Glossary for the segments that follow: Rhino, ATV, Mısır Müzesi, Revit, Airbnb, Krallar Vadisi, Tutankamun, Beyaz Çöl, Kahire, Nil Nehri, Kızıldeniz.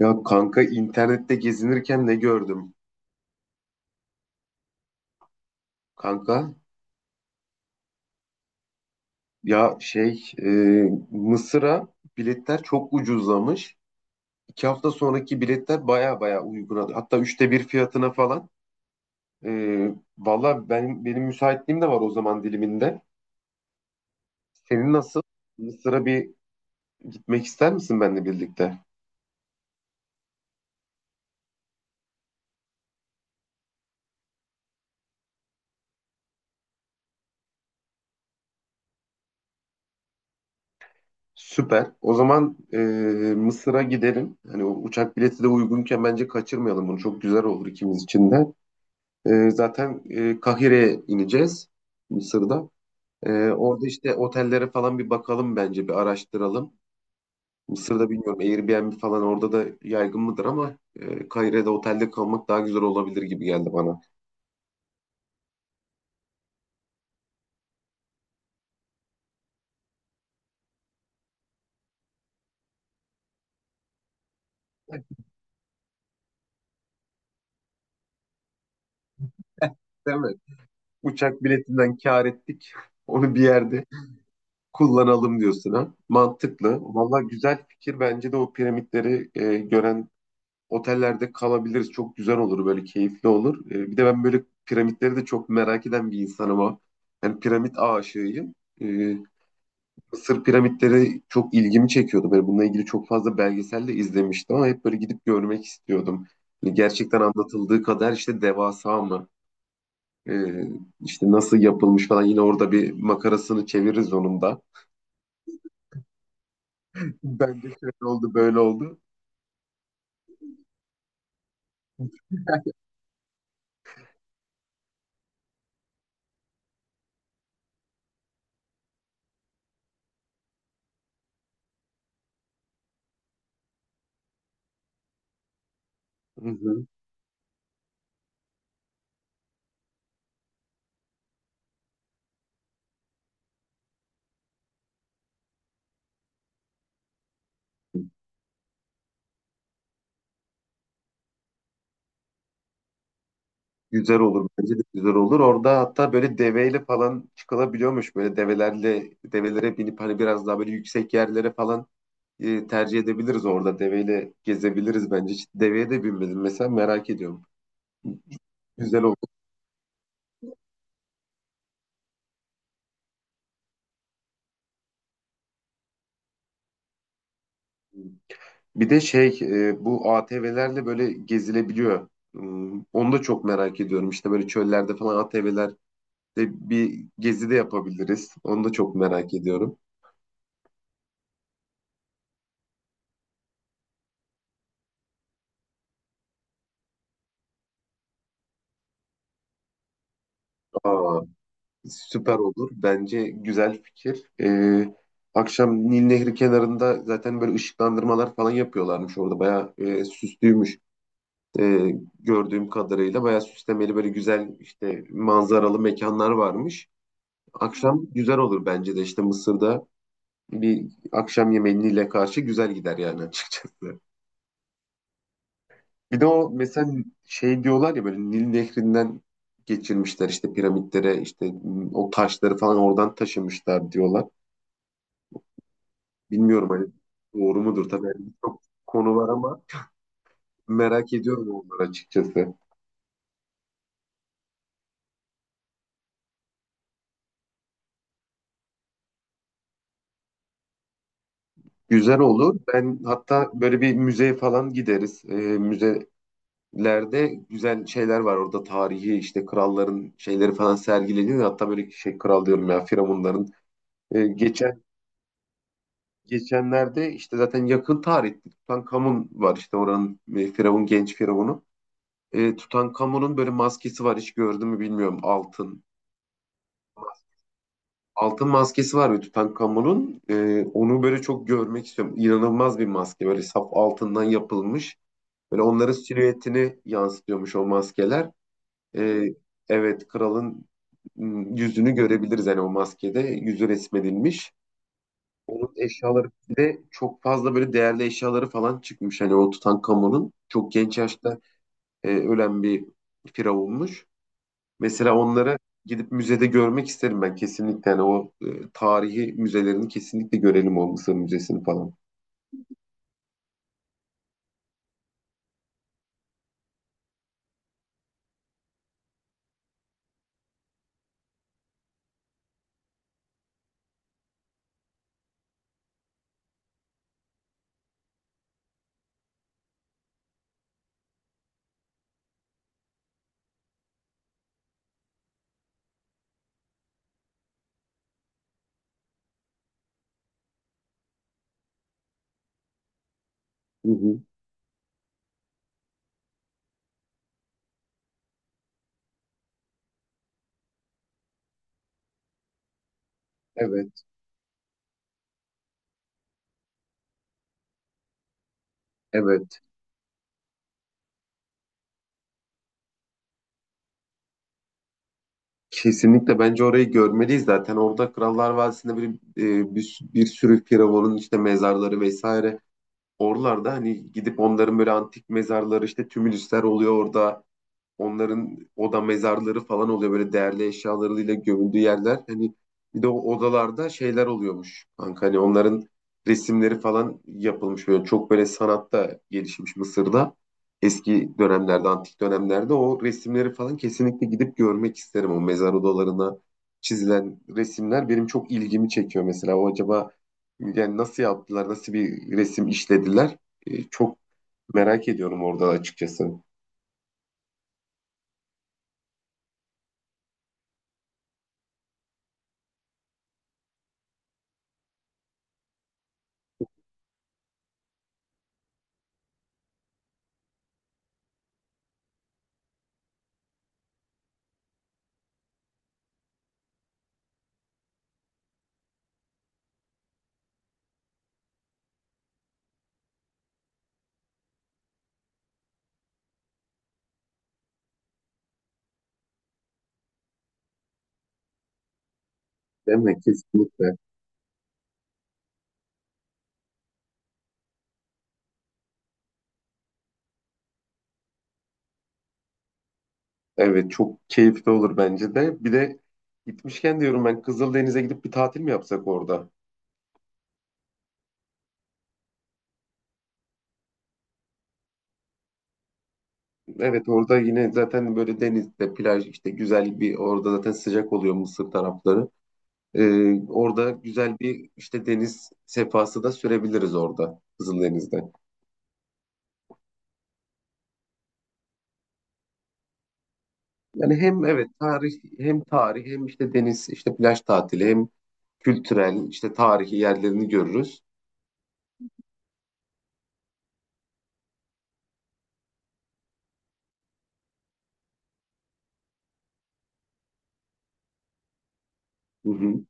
Ya kanka internette gezinirken ne gördüm? Kanka, ya şey e, Mısır'a biletler çok ucuzlamış. İki hafta sonraki biletler baya baya uyguna. Hatta üçte bir fiyatına falan. Valla benim müsaitliğim de var o zaman diliminde. Senin nasıl? Mısır'a bir gitmek ister misin benimle birlikte? Süper. O zaman Mısır'a gidelim. Hani o uçak bileti de uygunken bence kaçırmayalım bunu. Çok güzel olur ikimiz için de. Zaten Kahire'ye ineceğiz Mısır'da. Orada işte otellere falan bir bakalım, bence bir araştıralım. Mısır'da bilmiyorum, Airbnb falan orada da yaygın mıdır, ama Kahire'de otelde kalmak daha güzel olabilir gibi geldi bana. Değil mi? Uçak biletinden kâr ettik. Onu bir yerde kullanalım diyorsun ha. Mantıklı. Valla güzel fikir. Bence de o piramitleri gören otellerde kalabiliriz. Çok güzel olur, böyle keyifli olur. Bir de ben böyle piramitleri de çok merak eden bir insanım ama. Yani piramit aşığıyım. Ee, Mısır piramitleri çok ilgimi çekiyordu. Böyle bununla ilgili çok fazla belgesel de izlemiştim ama hep böyle gidip görmek istiyordum. Yani gerçekten anlatıldığı kadar işte devasa mı? Ee, işte nasıl yapılmış falan, yine orada bir makarasını çeviririz onun da. Bence şöyle oldu böyle oldu. Hı hı. Güzel olur. Bence de güzel olur. Orada hatta böyle deveyle falan çıkılabiliyormuş. Böyle develerle, develere binip hani biraz daha böyle yüksek yerlere falan tercih edebiliriz orada. Deveyle gezebiliriz bence. Hiç deveye de binmedim mesela, merak ediyorum. Güzel olur. Bir de bu ATV'lerle böyle gezilebiliyor. Hmm, onu da çok merak ediyorum. İşte böyle çöllerde falan ATV'lerde bir gezi de yapabiliriz. Onu da çok merak ediyorum. Aa, süper olur. Bence güzel fikir. Akşam Nil Nehri kenarında zaten böyle ışıklandırmalar falan yapıyorlarmış orada. Bayağı süslüymüş. Ee, Gördüğüm kadarıyla bayağı süslemeli böyle güzel işte manzaralı mekanlar varmış. Akşam güzel olur bence de, işte Mısır'da bir akşam yemeğiyle karşı güzel gider yani açıkçası. Bir de o mesela şey diyorlar ya, böyle Nil Nehri'nden geçirmişler işte piramitlere, işte o taşları falan oradan taşımışlar diyorlar. Bilmiyorum hani doğru mudur tabii, yani çok konu var ama merak ediyorum onları açıkçası. Güzel olur. Ben hatta böyle bir müzeye falan gideriz. Müzelerde güzel şeyler var orada, tarihi işte kralların şeyleri falan sergileniyor. Hatta böyle şey, kral diyorum ya, firavunların. Ee, geçen Geçenlerde işte zaten yakın tarihte Tutankamun var, işte oranın firavun, genç firavunu. E, Tutankamun'un böyle maskesi var, hiç gördün mü bilmiyorum, altın. Altın maskesi var ve Tutankamon'un onu böyle çok görmek istiyorum. İnanılmaz bir maske, böyle saf altından yapılmış. Böyle onların silüetini yansıtıyormuş o maskeler. E, evet, kralın yüzünü görebiliriz yani, o maskede yüzü resmedilmiş. Onun eşyaları bir de çok fazla böyle değerli eşyaları falan çıkmış. Hani o Tutankamon'un çok genç yaşta ölen bir firavunmuş. Mesela onları gidip müzede görmek isterim ben kesinlikle. Yani o tarihi müzelerini kesinlikle görelim, o Mısır Müzesi'ni falan. Hı hı. Evet, evet. Kesinlikle bence orayı görmeliyiz zaten. Orada Krallar Vadisi'nde bir sürü firavunun işte mezarları vesaire. Oralarda hani gidip onların böyle antik mezarları, işte tümülüsler oluyor orada. Onların oda mezarları falan oluyor, böyle değerli eşyalarıyla gömüldüğü yerler. Hani bir de o odalarda şeyler oluyormuş kanka. Hani onların resimleri falan yapılmış, böyle çok böyle sanatta gelişmiş Mısır'da. Eski dönemlerde, antik dönemlerde, o resimleri falan kesinlikle gidip görmek isterim. O mezar odalarına çizilen resimler benim çok ilgimi çekiyor mesela. O acaba yani nasıl yaptılar, nasıl bir resim işlediler? Çok merak ediyorum orada açıkçası. Değil mi? Kesinlikle. Evet, çok keyifli olur bence de. Bir de gitmişken diyorum, ben Kızıldeniz'e gidip bir tatil mi yapsak orada? Evet, orada yine zaten böyle denizde plaj işte güzel, bir orada zaten sıcak oluyor Mısır tarafları. Orada güzel bir işte deniz sefası da sürebiliriz orada Kızıldeniz'de. Yani hem evet tarih, hem işte deniz, işte plaj tatili, hem kültürel işte tarihi yerlerini görürüz. Hı hı.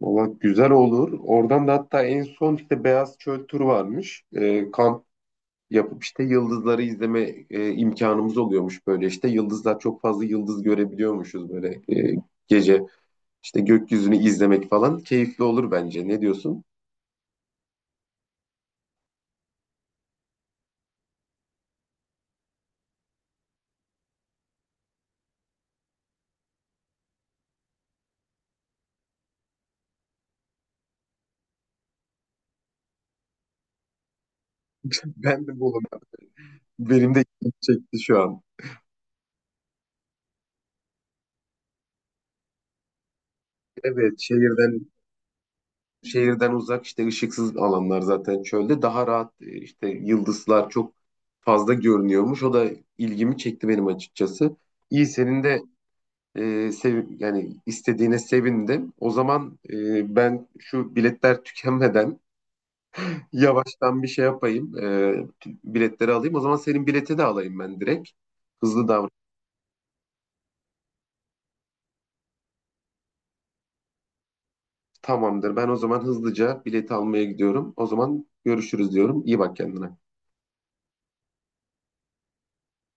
Valla güzel olur. Oradan da hatta en son işte Beyaz Çöl turu varmış. Kamp yapıp işte yıldızları izleme imkanımız oluyormuş böyle. İşte yıldızlar, çok fazla yıldız görebiliyormuşuz böyle e, gece. İşte gökyüzünü izlemek falan keyifli olur bence. Ne diyorsun? Ben de Bolu. Benim de ilgimi çekti şu an. Evet, şehirden uzak, işte ışıksız alanlar zaten çölde, daha rahat işte yıldızlar çok fazla görünüyormuş. O da ilgimi çekti benim açıkçası. İyi, senin de sev, yani istediğine sevindim. O zaman ben şu biletler tükenmeden yavaştan bir şey yapayım. Biletleri alayım. O zaman senin bileti de alayım ben direkt. Hızlı davran. Tamamdır. Ben o zaman hızlıca bileti almaya gidiyorum. O zaman görüşürüz diyorum. İyi bak kendine.